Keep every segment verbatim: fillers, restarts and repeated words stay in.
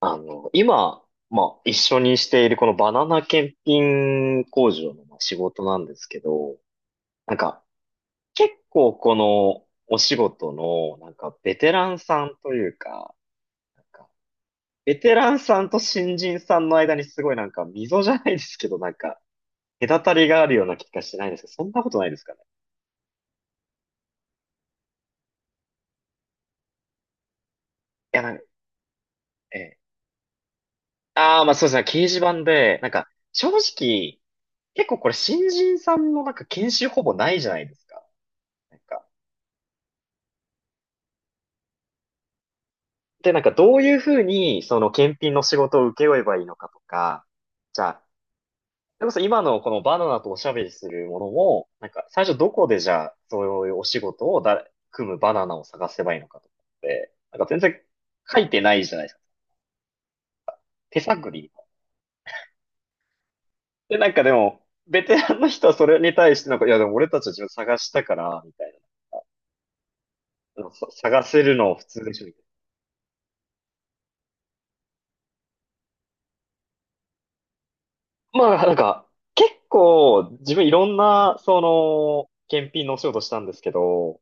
あの、今、まあ、一緒にしているこのバナナ検品工場のまあ仕事なんですけど、なんか、結構このお仕事の、なんか、ベテランさんというか、なんか、ベテランさんと新人さんの間にすごいなんか、溝じゃないですけど、なんか、隔たりがあるような気がしてないんですけど、そんなことないですかね。いや、なんか、ええ。ああ、まあそうですね、掲示板で、なんか、正直、結構これ新人さんのなんか研修ほぼないじゃないですか。なんかで、なんかどういうふうに、その検品の仕事を請け負えばいいのかとか、じゃあ、それこそ今のこのバナナとおしゃべりするものも、なんか最初どこでじゃあ、そういうお仕事をだ、組むバナナを探せばいいのかとかって、なんか全然書いてないじゃないですか。手探り。で、なんかでも、ベテランの人はそれに対してなんか、いやでも俺たちは自分探したから、みたいな。さ探せるの普通でしょ、みたいな。まあ、なんか、結構自分いろんな、その、検品のお仕事したんですけど、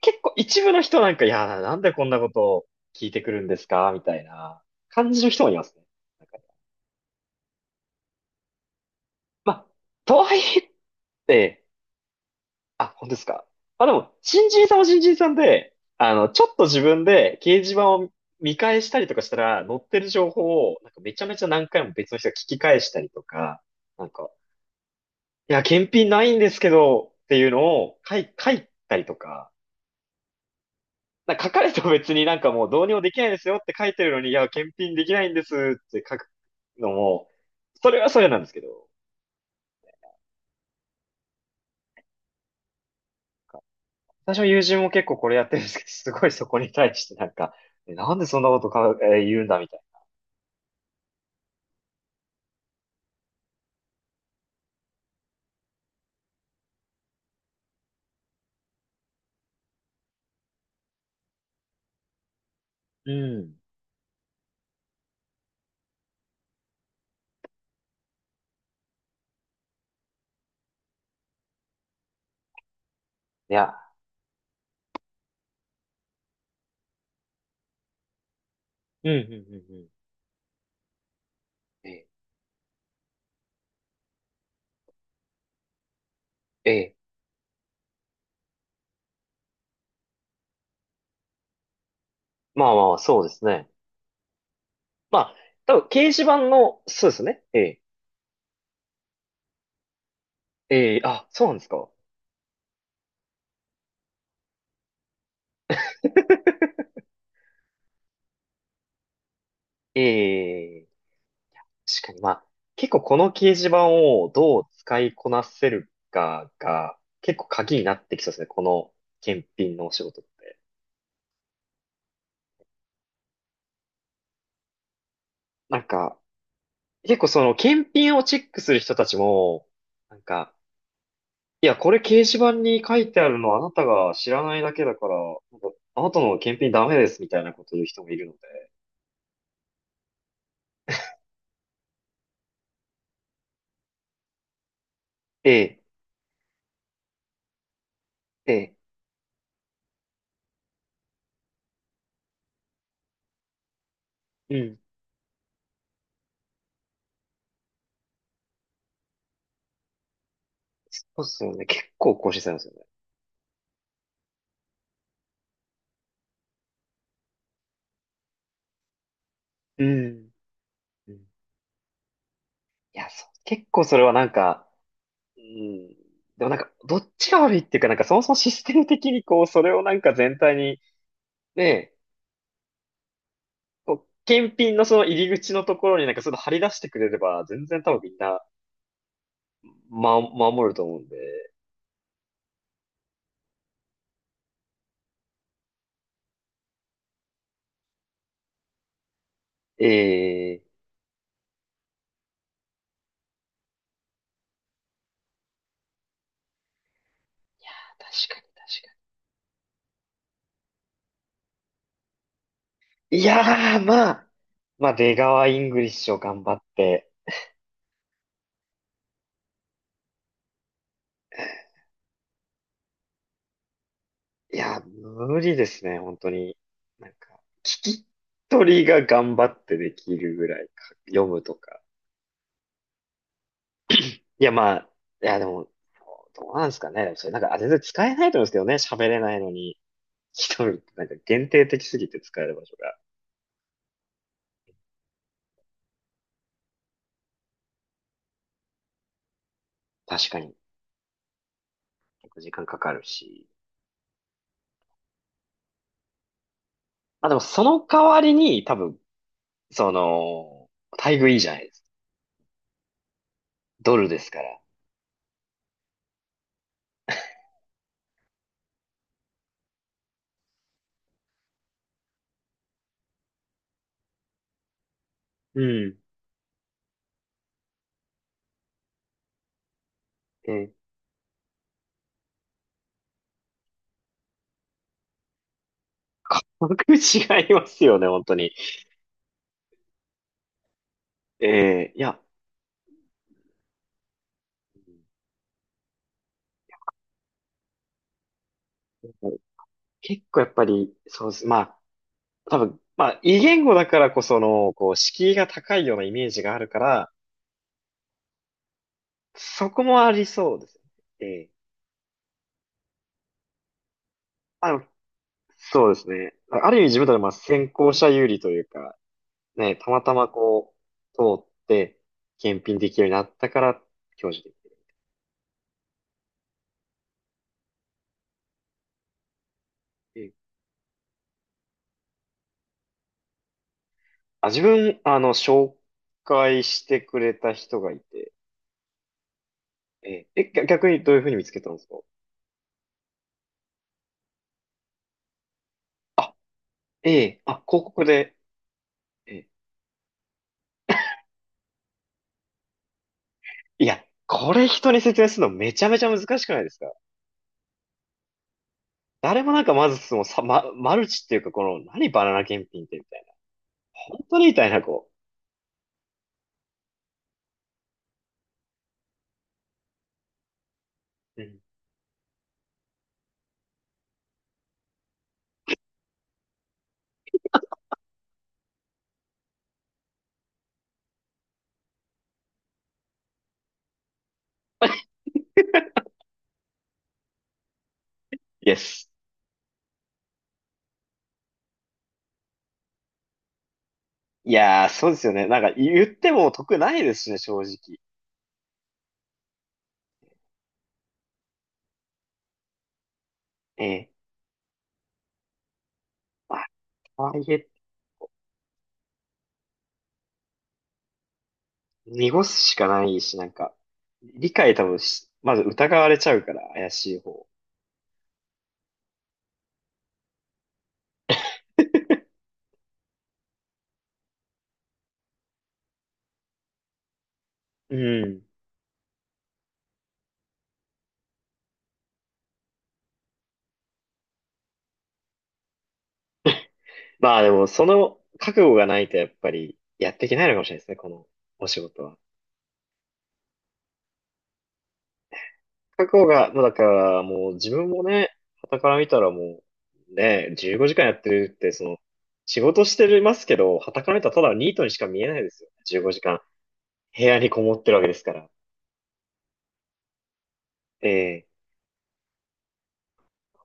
結構一部の人なんか、いやー、なんでこんなことを聞いてくるんですかみたいな感じの人もいますね。なんかまあ、とはいえって、あ、本当ですか。まあでも、新人さんは新人さんで、あの、ちょっと自分で掲示板を見返したりとかしたら、載ってる情報を、なんかめちゃめちゃ何回も別の人が聞き返したりとか、なんか、いや、検品ないんですけど、っていうのを書い、書いたりとか、な書かれても別になんかもうどうにもできないですよって書いてるのに、いや、検品できないんですって書くのも、それはそれなんですけど、私の友人も結構これやってるんですけど、すごいそこに対してなんか、えなんでそんなことか、えー言うんだみたいなうん。な。いや、うん、うん、うん、うん。ええ、ええ、まあまあまあ、そうですね。まあ、多分掲示板の、そうですね。ええ、ええ、あ、そうなんですか。ええ、確かに、まあ、結構この掲示板をどう使いこなせるかが、結構鍵になってきそうですね、この検品のお仕事って。なんか、結構その検品をチェックする人たちも、なんか、いや、これ掲示板に書いてあるのあなたが知らないだけだから、なんかあなたの検品ダメですみたいなこと言う人もいるので。ええ、ええ、うん。そうっすよね。結構更新されますよね。うん。うんいや、そう。結構それはなんか、うん。でもなんか、どっちが悪いっていうか、なんかそもそもシステム的にこう、それをなんか全体に、ね、こう、検品のその入り口のところになんかその張り出してくれれば、全然多分みんな、ま、守ると思うんで。ええ、確かに、確かに。いやー、まあ、まあ、出川イングリッシュを頑張って。いや、無理ですね、本当に。なんか、一人が頑張ってできるぐらいか、読むとか。いや、まあ、いや、でも、どうなんですかね。それなんか、あ全然使えないと思うんですけどね。喋れないのに、一人ってなんか限定的すぎて使える場所が。確かに、結構時間かかるし。まあでも、その代わりに、多分、その、待遇いいじゃないですか。ドルですから。うん。で、価格違いますよね、本当に。えー、いや、結構やっぱり、そうです。まあ、多分、まあ、異言語だからこその、こう、敷居が高いようなイメージがあるから、そこもありそうですね。ええ。あの、そうですね。あある意味自分たちはまあ先行者有利というか、ね、たまたまこう、通って、検品できるようになったから、享受できる。ええ。あ、自分、あの、紹介してくれた人がいて、ええ、え、逆逆にどういうふうに見つけたんですか。あ、ええ、あ、広告で、ええ。いや、これ人に説明するのめちゃめちゃ難しくないですか？誰もなんかまずそのさ、ま、マルチっていうかこの何バナナ検品ってみたいな。本当にみたいなこう。うん。です。いやー、そうですよね。なんか言っても得ないですしね、正直。ええ。まあ、とはいえ、濁すしかないし、なんか、理解多分し、まず疑われちゃうから、怪しい方。うん。まあでも、その覚悟がないと、やっぱり、やっていけないのかもしれないですね、このお仕事は。覚悟が、まあだからもう自分もね、傍から見たらもう、ね、じゅうごじかんやってるって、その、仕事してますけど、傍から見たらただのニートにしか見えないですよね。じゅうごじかん部屋にこもってるわけですから。ええ。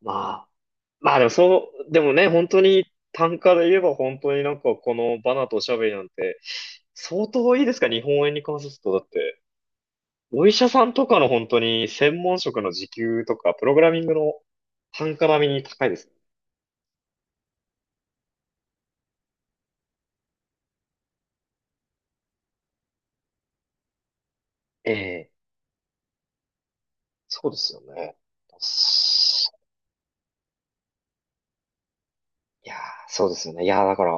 まあ。まあでもそう、でもね、本当に単価で言えば本当になんかこのバナとおしゃべりなんて相当いいですか、日本円に換算すると。だって、お医者さんとかの本当に専門職の時給とか、プログラミングの単価並みに高いです。ええ、そうですよね。いやー、そうですよね。いやー、だから、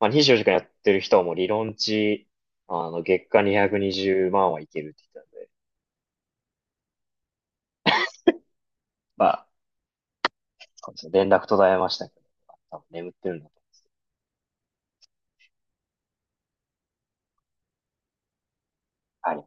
まあ、にじゅうよじかんやってる人はもう理論値、あの、月間にひゃくにじゅうまんはいけるって言ってたんで、ま、そうですね、連絡途絶えましたけど、多分眠ってるんだと。はい。